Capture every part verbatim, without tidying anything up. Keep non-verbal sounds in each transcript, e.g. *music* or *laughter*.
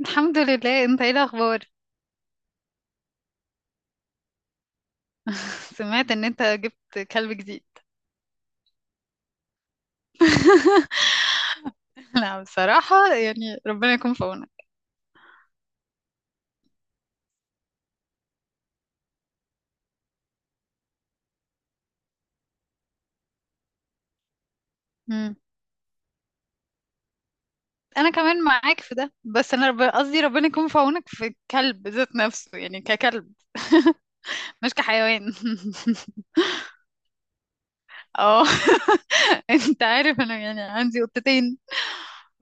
الحمد لله، انت ايه الاخبار؟ *laughs* سمعت ان انت جبت كلب جديد؟ *laughs* لا، بصراحة يعني ربنا يكون في عونك. مم. انا كمان معاك في ده، بس انا رب... قصدي ربنا يكون في عونك في الكلب ذات نفسه يعني ككلب، *laughs* مش كحيوان. *laughs* اه. *laughs* انت عارف انا يعني عندي قطتين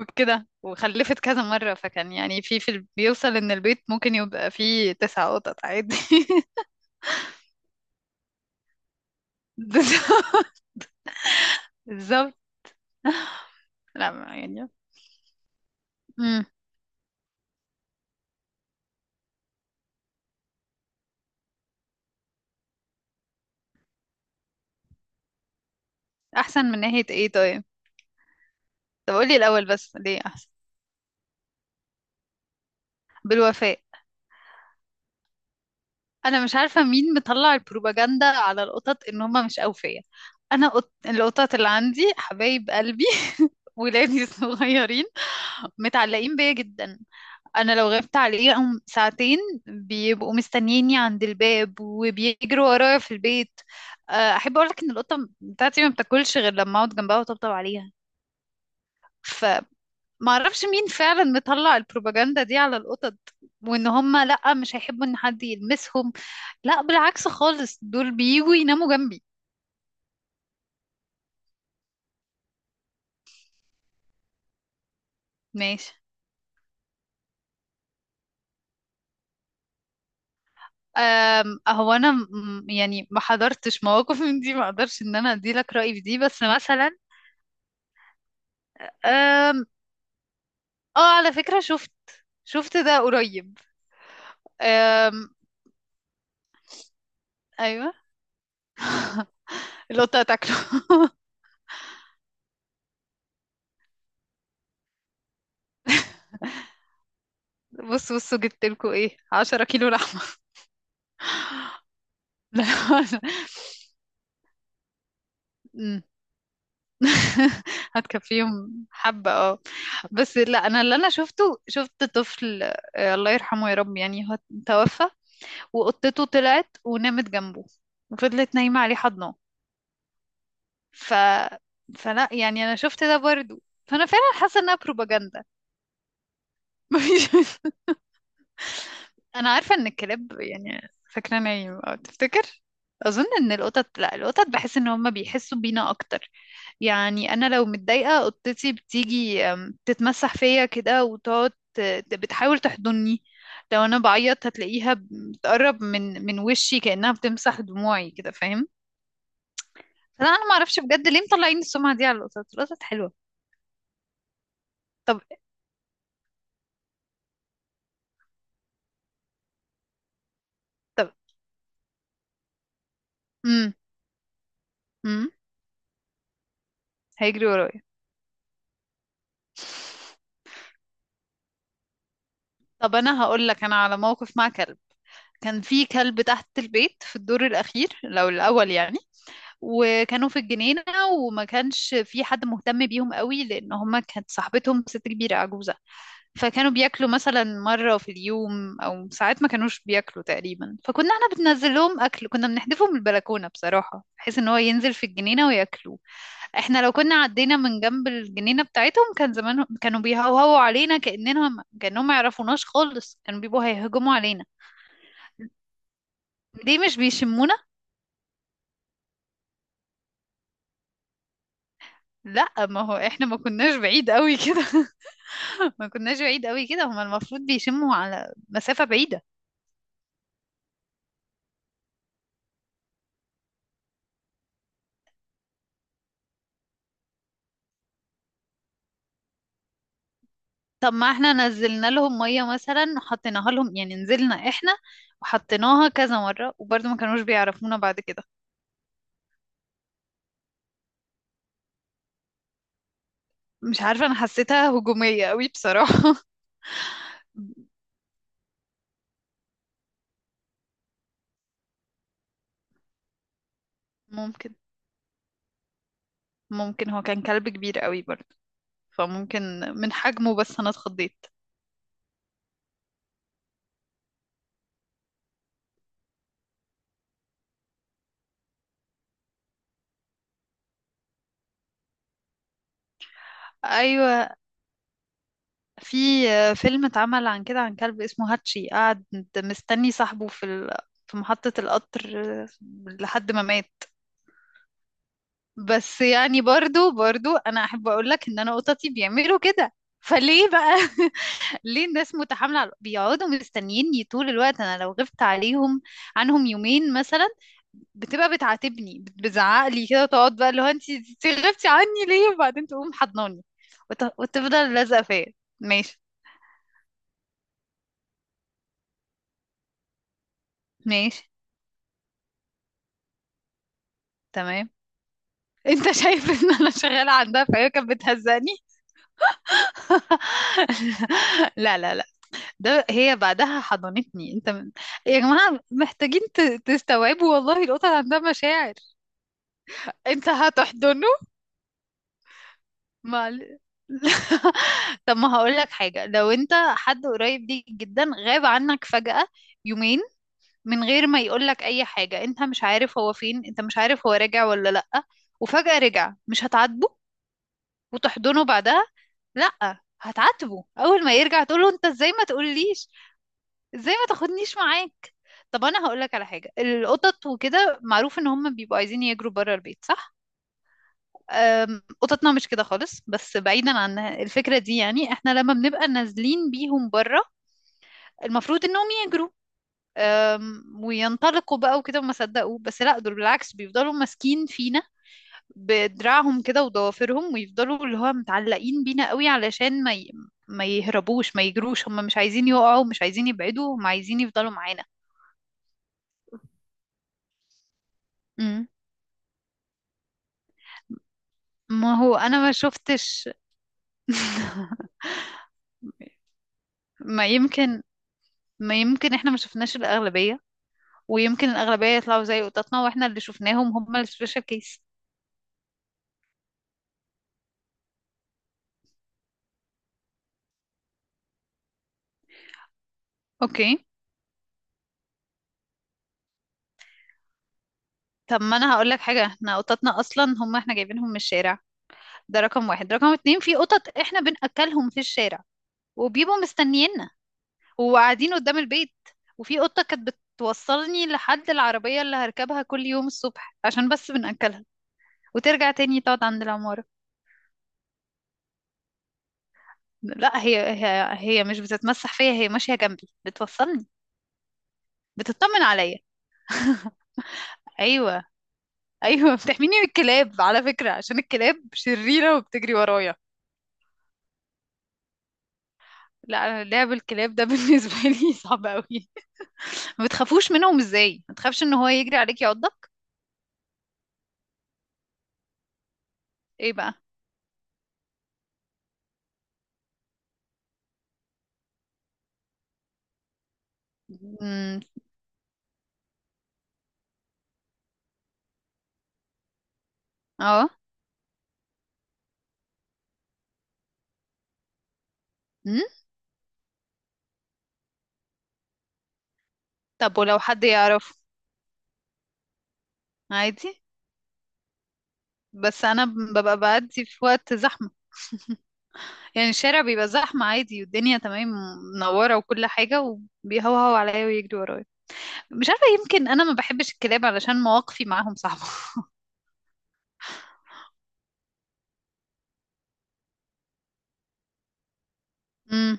وكده وخلفت كذا مرة، فكان يعني في في ال- بيوصل ان البيت ممكن يبقى فيه تسع قطط عادي. *laughs* بالظبط. لا، ما يعني. مم. احسن من ناحية ايه؟ طيب، طب قولي الاول بس ليه احسن؟ بالوفاء. انا مش عارفة مين مطلع البروباجندا على القطط ان هما مش اوفياء. انا قط... القطط اللي عندي حبايب قلبي، *laughs* ولادي الصغيرين، متعلقين بيا جدا. انا لو غبت عليهم ساعتين بيبقوا مستنييني عند الباب وبيجروا ورايا في البيت. آه، احب اقولك ان القطه بتاعتي ما بتاكلش غير لما اقعد جنبها وطبطب عليها، ف ما اعرفش مين فعلا مطلع البروباجندا دي على القطط، وان هم لا مش هيحبوا ان حد يلمسهم. لا، بالعكس خالص، دول بييجوا يناموا جنبي. ماشي. أم هو انا م- يعني ما حضرتش مواقف من دي، ما اقدرش ان انا ادي لك رأيي في دي، بس مثلا أم اه، على فكرة شفت شفت ده قريب. أم ايوه. القطة تاكله. *laughs* بص بصوا جبت لكم ايه 10 كيلو لحمة. *laughs* لا. *laughs* هتكفيهم حبة، اه. بس لا، انا اللي انا شفته، شفت طفل. آه، الله يرحمه يا رب، يعني هو توفى، وقطته طلعت ونامت جنبه، وفضلت نايمة عليه حضنه، ف فلا يعني انا شفت ده برضو، فانا فعلا حاسة انها بروباجندا. *laughs* مفيش. انا عارفه ان الكلاب يعني فاكره نايم او تفتكر. اظن ان القطط لا، القطط بحس ان هم بيحسوا بينا اكتر. يعني انا لو متضايقه قطتي بتيجي، أم، تتمسح فيا كده وتقعد ت- ت- بتحاول تحضني. لو انا بعيط هتلاقيها بتقرب من من وشي كانها بتمسح دموعي كده، فاهم. فلا انا ما اعرفش بجد ليه مطلعين السمعه دي على القطط. القطط حلوه. طب طب. امم امم هيجري ورايا. طب انا هقول لك انا على موقف مع كلب. كان في كلب تحت البيت في الدور الاخير لو الاول يعني، وكانوا في الجنينه، وما كانش في حد مهتم بيهم قوي لان هما كانت صاحبتهم ست كبيره عجوزه. فكانوا بياكلوا مثلا مره في اليوم او ساعات ما كانوش بياكلوا تقريبا، فكنا احنا بننزل لهم اكل، كنا بنحدفه من البلكونه بصراحه، بحيث ان هو ينزل في الجنينه وياكلوه. احنا لو كنا عدينا من جنب الجنينة بتاعتهم كان زمانهم كانوا بيهوهوا علينا، كأننا كأنهم ما يعرفوناش خالص، كانوا بيبقوا هيهجموا علينا. ليه مش بيشمونا؟ لا، ما هو احنا ما كناش بعيد قوي كده. *laughs* ما كناش بعيد قوي كده، هما المفروض بيشموا على مسافة بعيدة. طب ما احنا نزلنا لهم مية مثلا وحطيناها لهم، يعني نزلنا احنا وحطيناها كذا مرة، وبرضه ما كانوش بيعرفونا بعد كده. مش عارفة، انا حسيتها هجومية قوي بصراحة. *laughs* ممكن ممكن هو كان كلب كبير قوي برضه، فممكن من حجمه، بس انا اتخضيت. ايوه، في فيلم اتعمل عن كده عن كلب اسمه هاتشي، قعد مستني صاحبه في ال... في محطة القطر لحد ما مات. بس يعني برضو برضو انا احب اقول لك ان انا قطتي بيعملوا كده، فليه بقى؟ *laughs* ليه الناس متحاملة على- بيقعدوا مستنيني طول الوقت، انا لو غبت عليهم عنهم يومين مثلا بتبقى بتعاتبني، بتزعق لي كده وتقعد بقى اللي هو انت غبتي عني ليه؟ وبعدين تقوم حضناني وت- وتفضل لازقة فيا. ماشي. ماشي، تمام. *laughs* انت شايف ان انا شغالة عندها فهي كانت بتهزقني. *laughs* لا لا لا، ده هي بعدها حضنتني، انت م- يا جماعة محتاجين ت- تستوعبوا، والله القطط عندها مشاعر. انت هتحضن ما ل- *laughs* طب ما هقول لك حاجة، لو انت حد قريب ليك جدا غاب عنك فجأة يومين من غير ما يقول لك اي حاجة، انت مش عارف هو فين، انت مش عارف هو راجع ولا لأ، وفجأة رجع، مش هتعاتبه وتحضنه بعدها؟ لأ، هتعاتبه اول ما يرجع، تقول له انت ازاي ما تقوليش، ازاي ما تاخدنيش معاك. طب انا هقول لك على حاجة، القطط وكده معروف ان هم بيبقوا عايزين يجروا بره البيت، صح. أم، قططنا مش كده خالص، بس بعيدا عن الفكرة دي، يعني احنا لما بنبقى نازلين بيهم بره المفروض انهم يجروا، أم، وينطلقوا بقى وكده وما صدقوا، بس لا، دول بالعكس بيفضلوا ماسكين فينا بدراعهم كده وضوافرهم، ويفضلوا اللي هو متعلقين بينا قوي علشان ما ي... ما يهربوش، ما يجروش، هم مش عايزين يقعوا، مش عايزين يبعدوا، هم عايزين يفضلوا معانا. مم. ما هو انا ما شفتش. *laughs* ما يمكن ما يمكن احنا ما شفناش الأغلبية، ويمكن الأغلبية يطلعوا زي قططنا، واحنا اللي شفناهم هم السبيشال كيس. اوكي. طب ما انا هقول لك حاجه، احنا قططنا اصلا هم احنا جايبينهم من الشارع، ده رقم واحد. رقم اتنين، في قطط احنا بنأكلهم في الشارع وبيبقوا مستنيينا وقاعدين قدام البيت، وفي قطه كانت بتوصلني لحد العربيه اللي هركبها كل يوم الصبح عشان بس بنأكلها، وترجع تاني تقعد عند العماره. لا، هي هي هي مش بتتمسح فيا، هي ماشيه جنبي بتوصلني، بتطمن عليا. *laughs* ايوه، ايوه، *laughs* بتحميني من الكلاب على فكره، عشان الكلاب شريره وبتجري ورايا. لا، انا لعب الكلاب ده بالنسبه لي *laughs* صعب قوي. ما بتخافوش منهم؟ ازاي ما تخافش ان هو يجري عليك يعضك؟ ايه بقى. امم. اه. امم. طب ولو حد يعرفه عادي. بس انا ببقى بعدي في وقت زحمه، يعني الشارع بيبقى زحمه عادي والدنيا تمام منوره وكل حاجه، وبيهوهو عليا ويجري ورايا. مش عارفه، يمكن انا ما بحبش الكلاب علشان مواقفي معاهم صعبه. امم.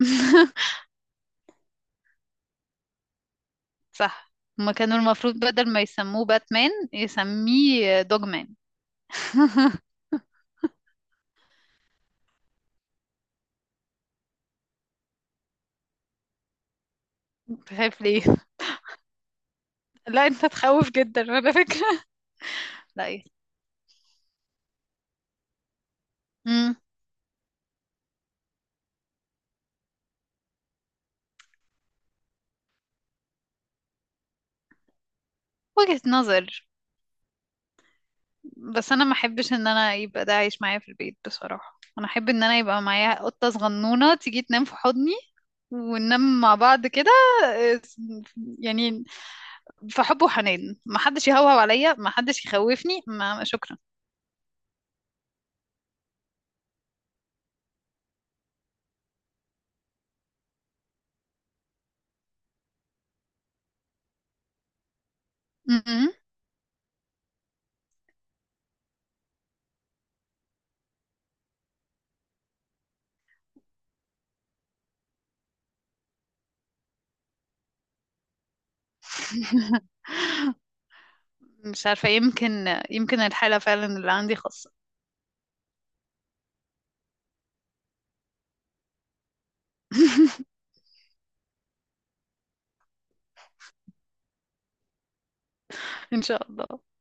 *laughs* صح، هما كانوا المفروض بدل ما يسموه باتمان يسميه دوجمان. *laughs* تخاف ليه؟ لا، انت تخوف جدا على فكرة. لا ايه. امم. وجهة نظر. بس انا ما احبش ان انا يبقى ده عايش معايا في البيت بصراحة، انا احب ان انا يبقى معايا قطة صغنونة تيجي تنام في حضني، وننام مع بعض كده. آه، يعني في حب وحنان، ما حدش يهوهو عليا، ما حدش يخوفني. ما شكرا. م-م. *laughs* مش عارفة، يمكن يمكن الحالة فعلا اللي عندي خاصة. *laughs* ان شاء الله.